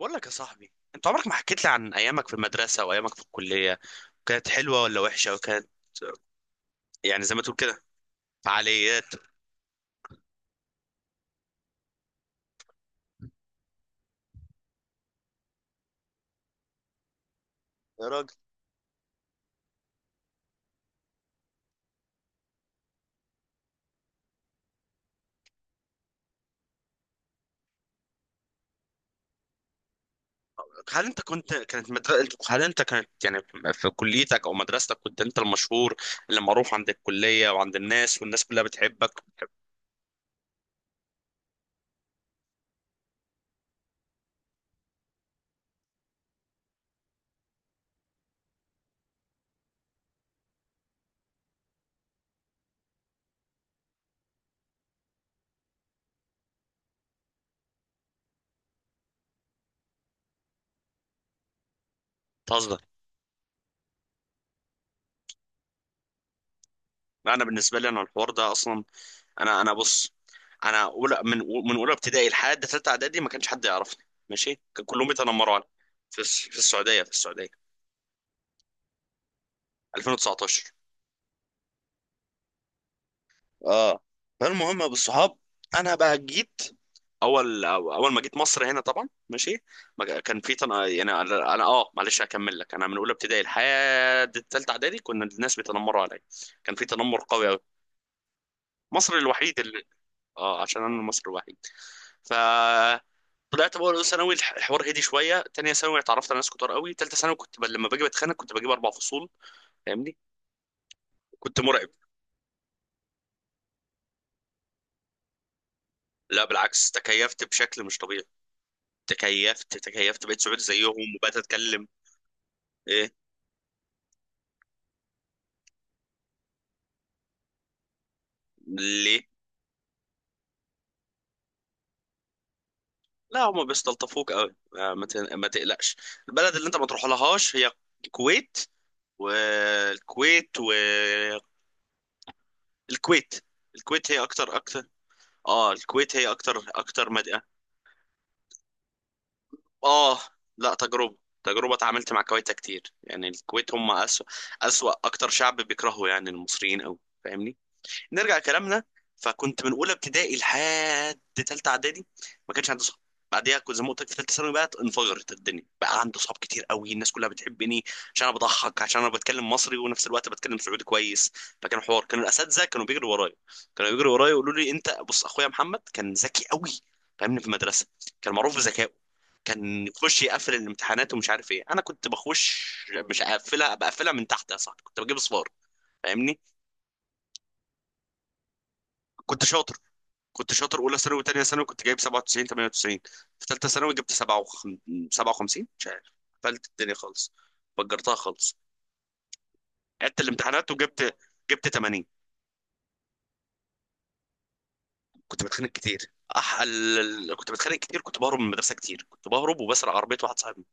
بقول لك يا صاحبي، انت عمرك ما حكيت لي عن ايامك في المدرسه وايامك في الكليه. كانت حلوه ولا وحشه؟ وكانت يعني زي ما تقول كده، فعاليات؟ يا راجل. هل انت كانت يعني في كليتك او مدرستك كنت انت المشهور اللي معروف عند الكليه وعند الناس، والناس كلها بتحبك بتحب تهزر؟ انا بالنسبه لي انا الحوار ده اصلا. انا بص، انا اولى من اولى ابتدائي لحد ثالثه اعدادي ما كانش حد يعرفني، ماشي. كان كلهم بيتنمروا علي. في السعوديه. 2019. اه فالمهم يا ابو الصحاب، انا بقى جيت، اول ما جيت مصر هنا طبعا ماشي. ما كان في تن... يعني انا أنا- اه معلش هكمل لك. انا من اولى ابتدائي لحد الثالثه اعدادي كنا الناس بيتنمروا عليا. كان في تنمر قوي قوي. مصر الوحيد اللي اه عشان انا المصري الوحيد. ف طلعت بقى اولى ثانوي، الحوار هدي شويه. ثانيه ثانوي اتعرفت على ناس كتار قوي. ثالثه ثانوي لما باجي بتخانق كنت بجيب 4 فصول. فاهمني. كنت مرعب. لا بالعكس، تكيفت بشكل مش طبيعي. تكيفت، بقيت سعودي زيهم، وبقيت اتكلم. ايه؟ ليه؟ لا هما بيستلطفوك قوي، آه، ما تقلقش. البلد اللي انت ما تروح لهاش هي الكويت. والكويت والكويت. الكويت هي اكتر اكتر. اه. الكويت هي اكتر اكتر مدينة. اه. لا، تجربة اتعاملت مع كويتا كتير يعني. الكويت هم أسوأ أكتر شعب بيكرهوا يعني المصريين أوي. فاهمني. نرجع كلامنا. فكنت من اولى ابتدائي لحد ثالثه اعدادي ما كانش عندي صحاب. بعديها كنت زي ما قلت لك في ثالثه ثانوي بقى انفجرت الدنيا. بقى عندي صحاب كتير قوي. الناس كلها بتحبني عشان انا بضحك، عشان انا بتكلم مصري ونفس الوقت بتكلم سعودي كويس. فكان حوار. كانوا الاساتذه كانوا بيجروا ورايا يقولوا لي انت بص، اخويا محمد كان ذكي قوي. فاهمني. في المدرسه كان معروف بذكائه. كان يخش يقفل الامتحانات ومش عارف ايه. انا كنت بخش مش اقفلها، بقفلها من تحت يا صاحبي. كنت بجيب اصفار. فاهمني. كنت شاطر كنت شاطر اولى ثانوي وثانيه ثانوي كنت جايب 97 98. في ثالثه ثانوي جبت 57. 57 مش عارف، قفلت الدنيا خالص، فجرتها خالص. عدت الامتحانات وجبت 80. كنت بتخانق كتير أح... ال... كنت بتخانق كتير. كنت بهرب من المدرسه كتير. كنت بهرب وبسرق عربيه واحد صاحبي.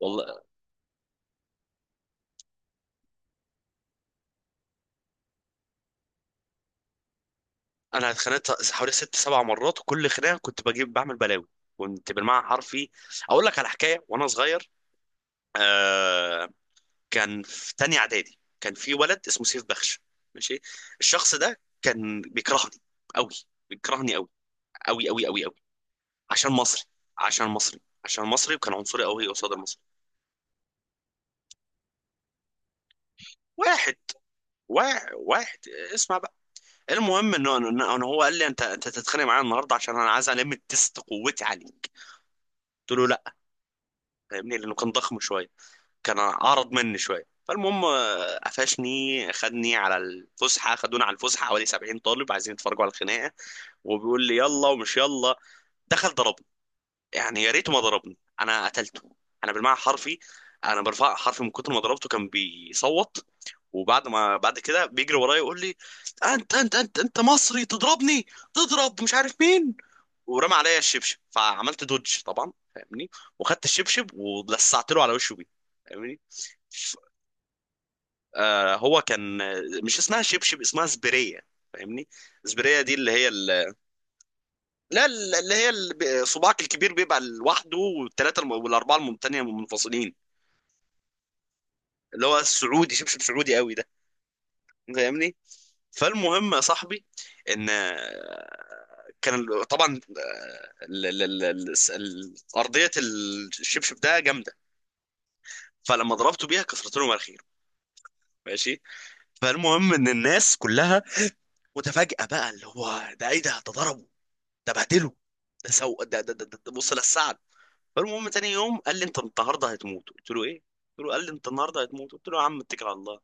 والله انا اتخانقت حوالي 6 7 مرات، وكل خناقه كنت بعمل بلاوي. كنت بالمعنى حرفي. اقول لك على حكايه وانا صغير. آه، كان في تانية اعدادي كان في ولد اسمه سيف بخش، ماشي. الشخص ده كان بيكرهني قوي. بيكرهني قوي قوي قوي قوي قوي. عشان مصري عشان مصري، وكان عنصري قوي قصاد المصري. واحد واحد واحد. اسمع بقى. المهم انه انه إنه هو قال لي انت تتخانق معايا النهارده عشان انا عايز الم تيست قوتي عليه. قلت له لا. فاهمني لانه كان ضخم شويه، كان اعرض مني شويه. فالمهم آه، قفشني، خدني على الفسحه خدونا على الفسحه حوالي 70 طالب عايزين يتفرجوا على الخناقه. وبيقول لي يلا ومش يلا. دخل ضربني. يعني يا ريته ما ضربني، انا قتلته. انا بالمعنى حرفي. انا برفع حرفي. من كتر ما ضربته كان بيصوت. وبعد ما بعد كده بيجري ورايا يقول لي انت مصري تضربني؟ تضرب مش عارف مين. ورمى عليا الشبشب، فعملت دوج طبعا فاهمني. وخدت الشبشب ولسعت له على وشه بيه. فاهمني. ف- هو كان مش اسمها شبشب، اسمها سبريه. فاهمني. سبريه دي اللي هي، لا ال- اللي هي ال- صباعك الكبير بيبقى لوحده والثلاثه والاربعه التانية منفصلين. اللي هو السعودي، شبشب سعودي قوي ده. فاهمني. فالمهم يا صاحبي، ان طبعا ارضيه الشبشب ده جامده. فلما ضربته بيها كسرت لهم الخير، ماشي. فالمهم ان الناس كلها متفاجئه بقى، اللي هو ده ايه؟ ده ضربه، ده بهدله، ده سو ده ده, ده, ده بص للسعد. فالمهم تاني يوم قال لي انت النهارده هتموت. قلت له ايه؟ قلت له، قال لي انت النهارده هتموت. قلت له يا عم اتكل على الله.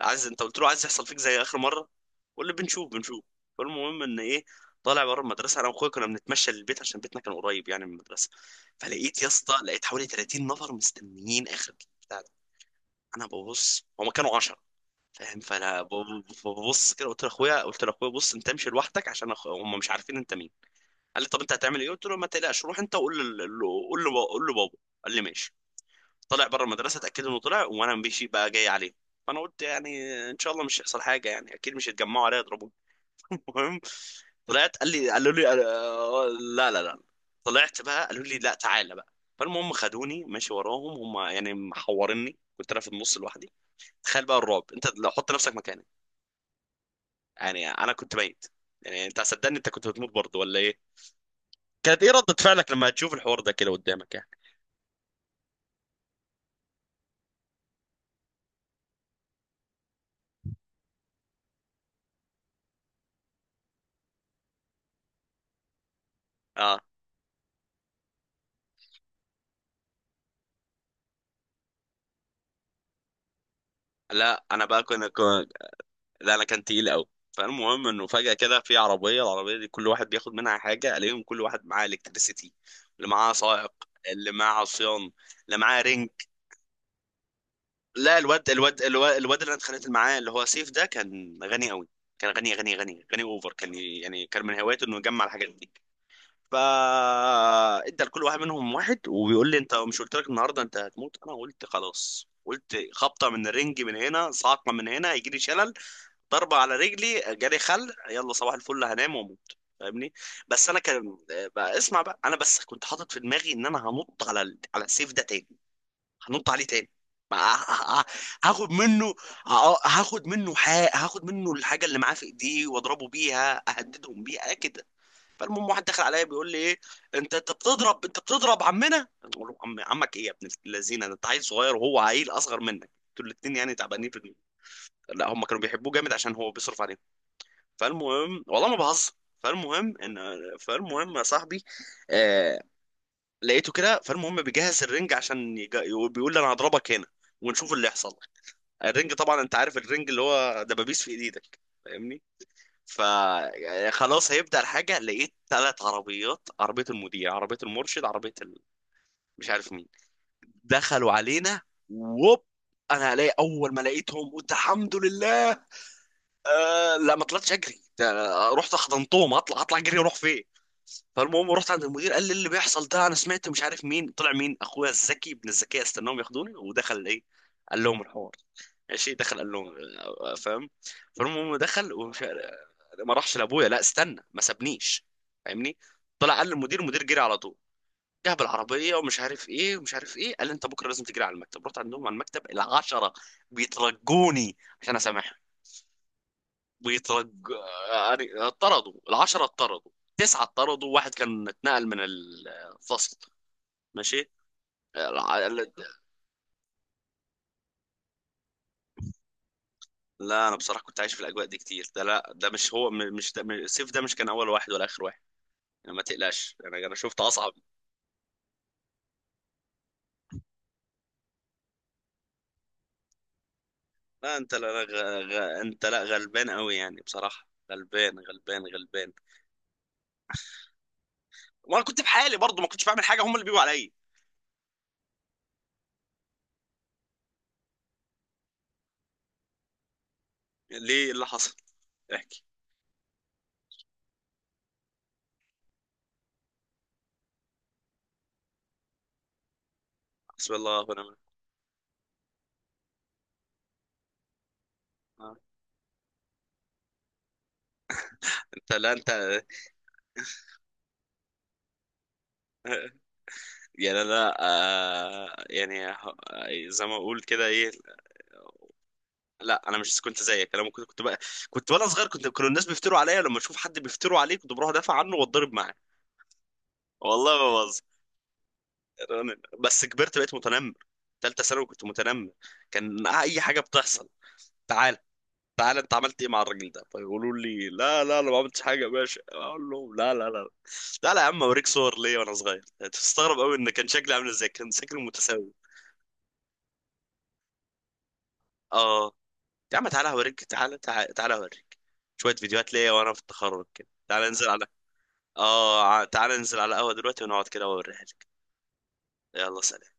عايز انت، قلت له عايز يحصل فيك زي اخر مره؟ قول لي بنشوف بنشوف. فالمهم، ان ايه. طالع بره المدرسه انا واخويا كنا بنتمشى للبيت عشان بيتنا كان قريب يعني من المدرسه. فلقيت يا اسطى لقيت حوالي 30 نفر مستنيين اخر بتاع ده. انا ببص، هما كانوا 10. فاهم. فانا ببص كده، قلت لاخويا، بص انت امشي لوحدك عشان هما مش عارفين انت مين. قال لي طب انت هتعمل ايه؟ قلت له ما تقلقش، روح انت وقول له قول له بابا. قال لي ماشي. طلع بره المدرسه، اتاكدوا انه طلع وانا ماشي بقى جاي عليه. فانا قلت يعني ان شاء الله مش هيحصل حاجه، يعني اكيد مش هيتجمعوا عليا يضربوني. المهم طلعت. قالوا لي آه، لا لا لا. طلعت بقى، قالوا لي لا تعالى بقى. فالمهم خدوني ماشي وراهم. هم يعني محورني، كنت انا في النص لوحدي. تخيل بقى الرعب، انت لو حط نفسك مكاني. يعني انا كنت ميت. يعني انت صدقني، انت كنت هتموت برضه ولا ايه؟ كانت ايه ردة فعلك لما تشوف الحوار ده كده قدامك يعني؟ اه. لا انا بقى كنت، لا انا كان تقيل قوي. فالمهم انه فجأة كده، في عربية، العربية دي كل واحد بياخد منها حاجة. الاقيهم كل واحد معاه الكتريسيتي، اللي معاه سائق، اللي معاه عصيان، اللي معاه رينج. لا الواد اللي انا اتخانقت معاه اللي هو سيف ده كان غني قوي. كان غني غني غني غني اوفر. كان يعني كان من هوايته انه يجمع الحاجات دي. فا ادى لكل واحد منهم واحد. وبيقول لي انت مش قلت لك النهارده انت هتموت؟ انا قلت خلاص. قلت خبطه من الرنج من هنا، صعقه من هنا، هيجي لي شلل. ضربة على رجلي جالي خل، يلا صباح الفل هنام واموت. فاهمني. بس انا كان، بقى اسمع بقى، انا بس كنت حاطط في دماغي ان انا هنط على على السيف ده تاني. هنط عليه تاني. ما- ه- ه- هاخد منه. هاخد منه حق. هاخد منه الحاجه اللي معاه في ايديه واضربه بيها، اهددهم بيها كده. فالمهم واحد دخل عليا بيقول لي ايه، انت بتضرب عمنا. بقول له عم عمك ايه يا ابن اللذينه؟ ده انت عيل صغير وهو عيل اصغر منك، دول الاتنين يعني تعبانين في لا هم كانوا بيحبوه جامد عشان هو بيصرف عليهم. فالمهم والله ما بهزر. فالمهم ان فالمهم يا صاحبي، آه... لقيته كده. فالمهم بيجهز الرنج عشان بيقول لي انا هضربك هنا ونشوف اللي يحصل. الرنج طبعا انت عارف الرنج اللي هو دبابيس في ايدك. فاهمني. فخلاص هيبدأ الحاجة، لقيت 3 عربيات، عربية المذيع، عربية المرشد، عربية مش عارف مين، دخلوا علينا. ووب، انا الاقي، اول ما لقيتهم قلت الحمد لله. آه لا ما طلعتش اجري، ده أنا رحت حضنتهم. هطلع اجري اروح فين؟ فالمهم رحت عند المدير، قال لي اللي بيحصل ده انا سمعت، مش عارف مين طلع. مين؟ اخويا الذكي ابن الذكاء. استناهم ياخدوني ودخل ايه، قال لهم الحوار، ماشي. دخل قال لهم فاهم. فالمهم دخل ومش عارف- آه، ما راحش لابويا، لا استنى ما سابنيش. فاهمني. طلع قال للمدير، المدير جري على طول. جه بالعربيه ومش عارف ايه ومش عارف ايه، قال لي انت بكره لازم تجري على المكتب. رحت عندهم على المكتب العشرة بيترجوني عشان اسامحهم. ويترج يعني اتطردوا العشرة. اتطردوا تسعة، اتطردوا واحد كان اتنقل من الفصل، ماشي. الع- ال- لا انا بصراحة كنت عايش في الاجواء دي كتير. ده لا ده مش هو، مش ده، سيف ده مش كان اول واحد ولا اخر واحد يعني. ما تقلقش، انا شفت اصعب. لا انت، لا لا انت لا غلبان قوي يعني، بصراحة غلبان غلبان غلبان. وانا كنت في حالي برضه، ما كنتش بعمل حاجة، هم اللي بيجوا عليا. ليه؟ إيه اللي حصل؟ احكي. حسبي الله ونعم الوكيل. آه. انت، لا انت، يعني انا زي ما اقول كده، ايه. لا انا مش كنت زيك، انا ممكن كنت وانا صغير، كنت كانوا الناس بيفتروا عليا. لما اشوف حد بيفتروا عليه كنت بروح ادافع عنه واتضرب معاه. والله ما بهزر. بس كبرت بقيت متنمر. تالتة ثانوي كنت متنمر. كان اي حاجه بتحصل، تعال تعال انت عملت ايه مع الراجل ده؟ فيقولوا لي لا لا انا ما عملتش حاجه يا باشا. اقول لهم لا لا لا. لا لا يا عم اوريك صور ليا وانا صغير هتستغرب قوي ان كان شكلي عامل ازاي. كان شكلي متساوي. اه يا عم تعالى هوريك، تعالى تعالى تعالى هوريك شوية فيديوهات ليا وانا في التخرج كده. تعالى ننزل على قهوة دلوقتي ونقعد كده واوريها لك. يلا سلام.